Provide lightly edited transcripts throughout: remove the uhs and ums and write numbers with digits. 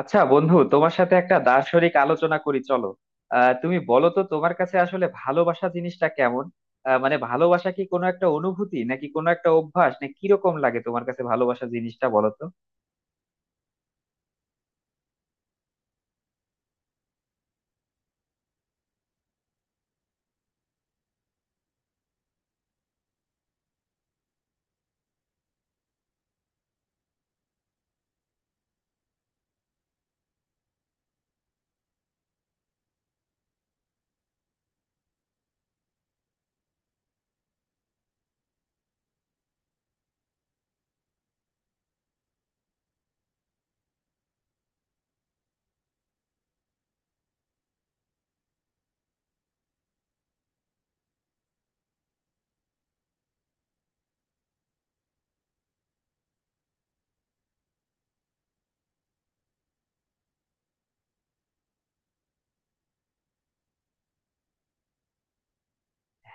আচ্ছা বন্ধু, তোমার সাথে একটা দার্শনিক আলোচনা করি চলো। তুমি বলো তো, তোমার কাছে আসলে ভালোবাসা জিনিসটা কেমন? মানে ভালোবাসা কি কোনো একটা অনুভূতি, নাকি কোনো একটা অভ্যাস, নাকি কিরকম লাগে তোমার কাছে ভালোবাসা জিনিসটা বলো তো।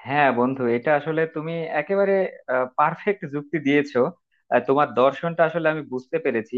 হ্যাঁ বন্ধু, এটা আসলে তুমি একেবারে পারফেক্ট যুক্তি দিয়েছো। তোমার দর্শনটা আসলে আমি বুঝতে পেরেছি।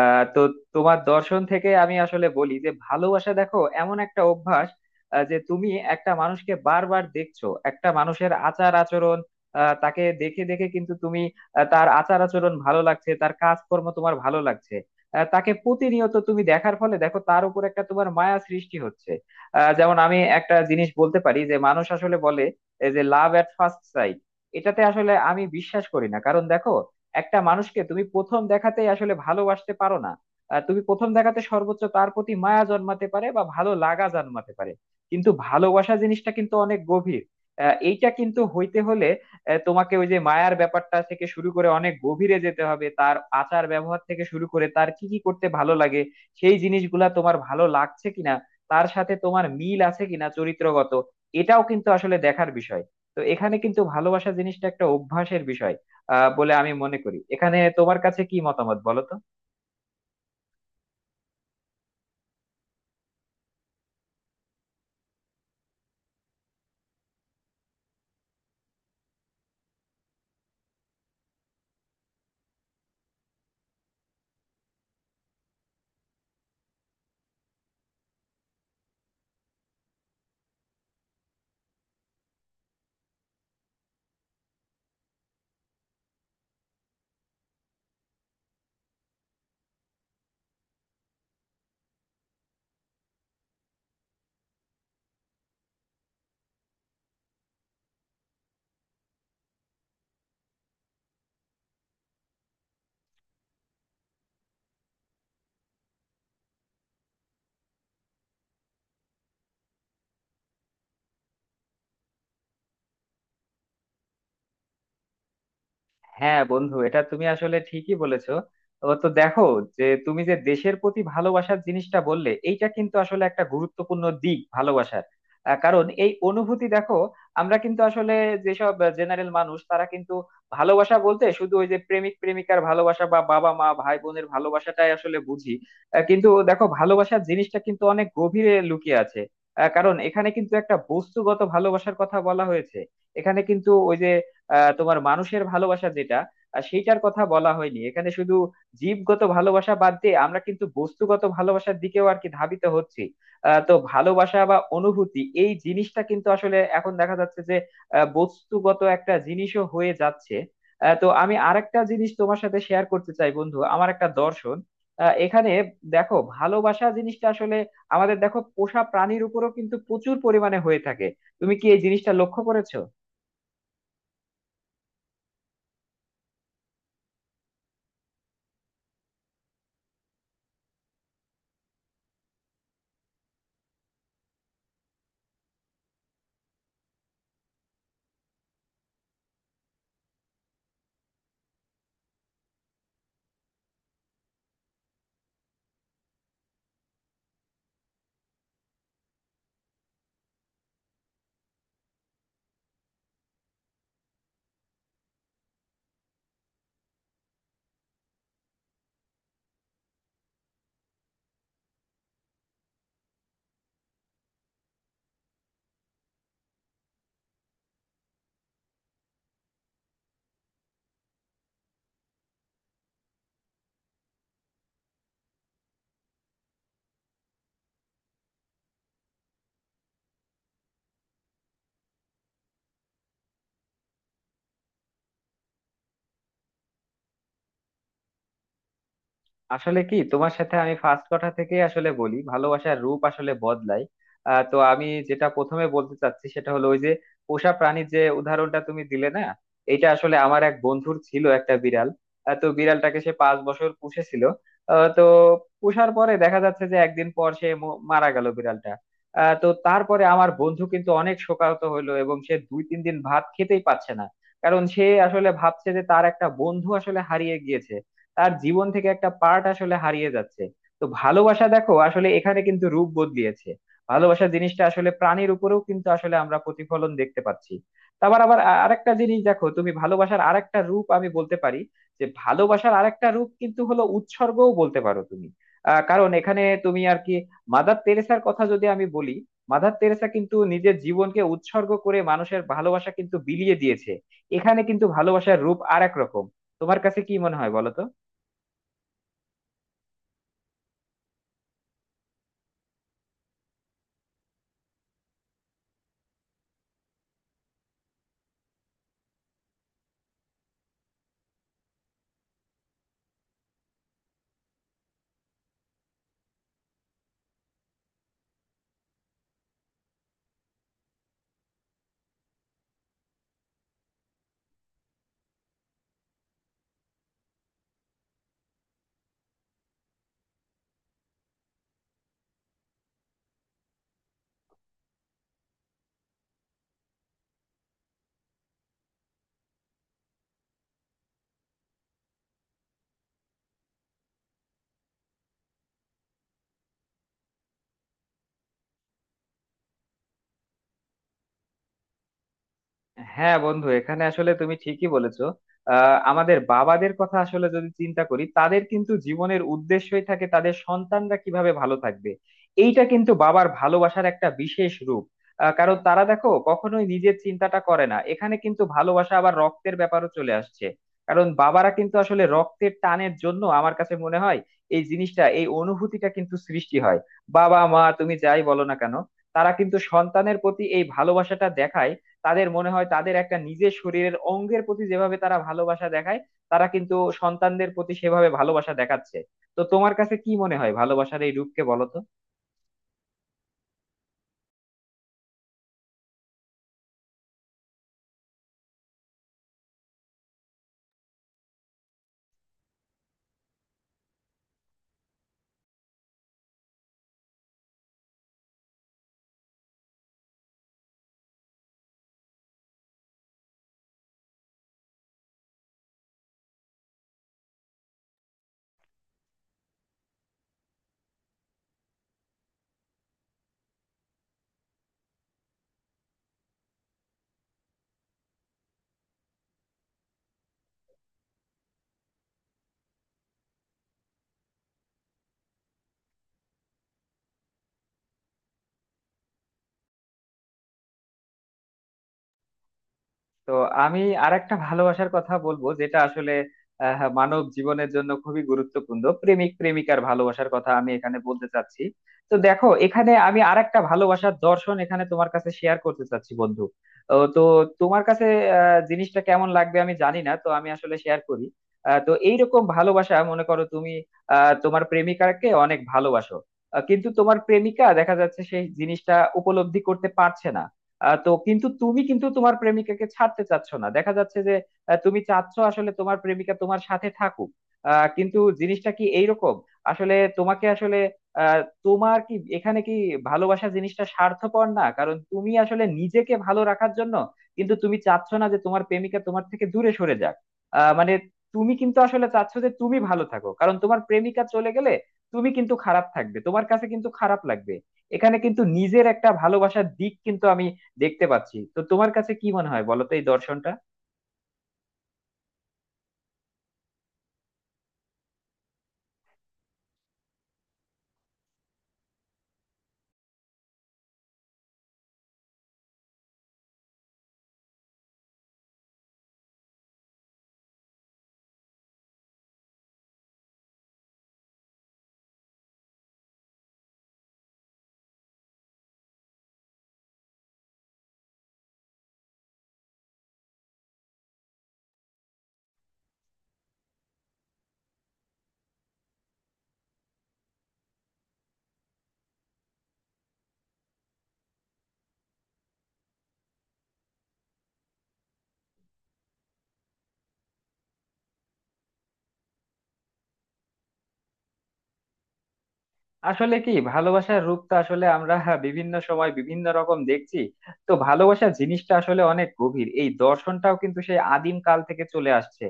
তো তোমার দর্শন থেকে আমি আসলে বলি যে ভালোবাসা দেখো এমন একটা অভ্যাস, যে তুমি একটা মানুষকে বারবার দেখছো, একটা মানুষের আচার আচরণ, তাকে দেখে দেখে কিন্তু তুমি তার আচার আচরণ ভালো লাগছে, তার কাজকর্ম তোমার ভালো লাগছে। তাকে প্রতিনিয়ত তুমি দেখার ফলে দেখো তার উপর একটা তোমার মায়া সৃষ্টি হচ্ছে। যেমন আমি একটা জিনিস বলতে পারি যে মানুষ আসলে বলে এই যে লাভ এট ফার্স্ট সাইট, এটাতে আসলে আমি বিশ্বাস করি না। কারণ দেখো, একটা মানুষকে তুমি প্রথম দেখাতেই আসলে ভালোবাসতে পারো না। তুমি প্রথম দেখাতে সর্বোচ্চ তার প্রতি মায়া জন্মাতে পারে বা ভালো লাগা জন্মাতে পারে, কিন্তু ভালোবাসা জিনিসটা কিন্তু অনেক গভীর। এইটা কিন্তু হইতে হলে তোমাকে ওই যে মায়ার ব্যাপারটা থেকে শুরু করে অনেক গভীরে যেতে হবে, তার আচার ব্যবহার থেকে শুরু করে তার কি কি করতে ভালো লাগে, সেই জিনিসগুলা তোমার ভালো লাগছে কিনা, তার সাথে তোমার মিল আছে কিনা চরিত্রগত, এটাও কিন্তু আসলে দেখার বিষয়। তো এখানে কিন্তু ভালোবাসা জিনিসটা একটা অভ্যাসের বিষয় বলে আমি মনে করি। এখানে তোমার কাছে কি মতামত বলো তো। হ্যাঁ বন্ধু, এটা তুমি আসলে ঠিকই বলেছো। ও তো দেখো, যে তুমি যে দেশের প্রতি ভালোবাসার জিনিসটা বললে এইটা কিন্তু আসলে একটা গুরুত্বপূর্ণ দিক ভালোবাসার। কারণ এই অনুভূতি দেখো, আমরা কিন্তু আসলে যেসব জেনারেল মানুষ তারা কিন্তু ভালোবাসা বলতে শুধু ওই যে প্রেমিক প্রেমিকার ভালোবাসা বা বাবা মা ভাই বোনের ভালোবাসাটাই আসলে বুঝি। কিন্তু দেখো ভালোবাসার জিনিসটা কিন্তু অনেক গভীরে লুকিয়ে আছে। কারণ এখানে কিন্তু একটা বস্তুগত ভালোবাসার কথা বলা হয়েছে। এখানে কিন্তু ওই যে তোমার মানুষের ভালোবাসা যেটা, সেইটার কথা বলা হয়নি এখানে শুধু। জীবগত ভালোবাসা বাদ দিয়ে আমরা কিন্তু বস্তুগত ভালোবাসার দিকেও আর কি ধাবিত হচ্ছি। তো ভালোবাসা বা অনুভূতি এই জিনিসটা কিন্তু আসলে এখন দেখা যাচ্ছে যে বস্তুগত একটা জিনিসও হয়ে যাচ্ছে। তো আমি আরেকটা জিনিস তোমার সাথে শেয়ার করতে চাই বন্ধু, আমার একটা দর্শন। এখানে দেখো ভালোবাসা জিনিসটা আসলে আমাদের দেখো পোষা প্রাণীর উপরও কিন্তু প্রচুর পরিমাণে হয়ে থাকে। তুমি কি এই জিনিসটা লক্ষ্য করেছো? আসলে কি তোমার সাথে আমি ফার্স্ট কথা থেকে আসলে বলি, ভালোবাসার রূপ আসলে বদলায়। তো আমি যেটা প্রথমে বলতে চাচ্ছি সেটা হলো ওই যে পোষা প্রাণীর যে উদাহরণটা তুমি দিলে না, এটা আসলে আমার এক বন্ধুর ছিল একটা বিড়াল। তো বিড়ালটাকে সে 5 বছর পুষেছিল। তো পুষার পরে দেখা যাচ্ছে যে একদিন পর সে মারা গেল বিড়ালটা। তো তারপরে আমার বন্ধু কিন্তু অনেক শোকাহত হলো এবং সে দুই তিন দিন ভাত খেতেই পারছে না। কারণ সে আসলে ভাবছে যে তার একটা বন্ধু আসলে হারিয়ে গিয়েছে, তার জীবন থেকে একটা পার্ট আসলে হারিয়ে যাচ্ছে। তো ভালোবাসা দেখো আসলে এখানে কিন্তু রূপ বদলিয়েছে। ভালোবাসা জিনিসটা আসলে প্রাণীর উপরেও কিন্তু আসলে আমরা প্রতিফলন দেখতে পাচ্ছি। তারপর আবার আরেকটা জিনিস দেখো, তুমি ভালোবাসার আরেকটা রূপ আমি বলতে পারি, যে ভালোবাসার আরেকটা রূপ কিন্তু হলো উৎসর্গও বলতে পারো তুমি। কারণ এখানে তুমি আর কি, মাদার তেরেসার কথা যদি আমি বলি, মাদার তেরেসা কিন্তু নিজের জীবনকে উৎসর্গ করে মানুষের ভালোবাসা কিন্তু বিলিয়ে দিয়েছে। এখানে কিন্তু ভালোবাসার রূপ আর এক রকম। তোমার কাছে কি মনে হয় বলো তো। হ্যাঁ বন্ধু, এখানে আসলে তুমি ঠিকই বলেছো। আমাদের বাবাদের কথা আসলে যদি চিন্তা করি তাদের কিন্তু জীবনের উদ্দেশ্যই থাকে তাদের সন্তানরা কিভাবে ভালো থাকবে। এইটা কিন্তু বাবার ভালোবাসার একটা বিশেষ রূপ। কারণ তারা দেখো কখনোই নিজের চিন্তাটা করে না, এখানে কিন্তু ভালোবাসা আবার রক্তের ব্যাপারও চলে আসছে। কারণ বাবারা কিন্তু আসলে রক্তের টানের জন্য আমার কাছে মনে হয় এই জিনিসটা এই অনুভূতিটা কিন্তু সৃষ্টি হয়। বাবা মা তুমি যাই বলো না কেন, তারা কিন্তু সন্তানের প্রতি এই ভালোবাসাটা দেখায়। তাদের মনে হয় তাদের একটা নিজের শরীরের অঙ্গের প্রতি যেভাবে তারা ভালোবাসা দেখায়, তারা কিন্তু সন্তানদের প্রতি সেভাবে ভালোবাসা দেখাচ্ছে। তো তোমার কাছে কি মনে হয় ভালোবাসার এই রূপকে বলো তো। তো আমি আরেকটা ভালোবাসার কথা বলবো, যেটা আসলে মানব জীবনের জন্য খুবই গুরুত্বপূর্ণ, প্রেমিক প্রেমিকার ভালোবাসার কথা আমি এখানে বলতে চাচ্ছি। তো দেখো এখানে আমি আরেকটা ভালোবাসার দর্শন এখানে তোমার কাছে শেয়ার করতে চাচ্ছি বন্ধু। ও, তো তোমার কাছে জিনিসটা কেমন লাগবে আমি জানি না, তো আমি আসলে শেয়ার করি। তো এইরকম ভালোবাসা মনে করো তুমি তোমার প্রেমিকাকে অনেক ভালোবাসো। কিন্তু তোমার প্রেমিকা দেখা যাচ্ছে সেই জিনিসটা উপলব্ধি করতে পারছে না। তো কিন্তু তুমি কিন্তু তোমার প্রেমিকাকে ছাড়তে চাচ্ছ না, দেখা যাচ্ছে যে তুমি চাচ্ছ আসলে তোমার প্রেমিকা তোমার সাথে থাকুক। কিন্তু জিনিসটা কি এইরকম, আসলে তোমাকে আসলে আহ, তোমার কি এখানে কি ভালোবাসা জিনিসটা স্বার্থপর না? কারণ তুমি আসলে নিজেকে ভালো রাখার জন্য কিন্তু তুমি চাচ্ছ না যে তোমার প্রেমিকা তোমার থেকে দূরে সরে যাক। মানে তুমি কিন্তু আসলে চাচ্ছ যে তুমি ভালো থাকো, কারণ তোমার প্রেমিকা চলে গেলে তুমি কিন্তু খারাপ থাকবে, তোমার কাছে কিন্তু খারাপ লাগবে। এখানে কিন্তু নিজের একটা ভালোবাসার দিক কিন্তু আমি দেখতে পাচ্ছি। তো তোমার কাছে কি মনে হয় বলো তো এই দর্শনটা। আসলে কি ভালোবাসার রূপটা আসলে আমরা হ্যাঁ বিভিন্ন সময় বিভিন্ন রকম দেখছি। তো ভালোবাসার জিনিসটা আসলে অনেক গভীর, এই দর্শনটাও কিন্তু সেই আদিম কাল থেকে চলে আসছে।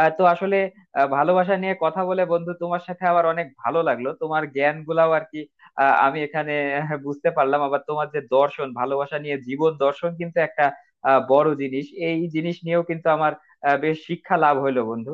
তো আসলে ভালোবাসা নিয়ে কথা বলে বন্ধু তোমার সাথে আবার অনেক ভালো লাগলো, তোমার জ্ঞান গুলাও আর কি আমি এখানে বুঝতে পারলাম। আবার তোমার যে দর্শন ভালোবাসা নিয়ে, জীবন দর্শন কিন্তু একটা বড় জিনিস, এই জিনিস নিয়েও কিন্তু আমার বেশ শিক্ষা লাভ হইলো বন্ধু।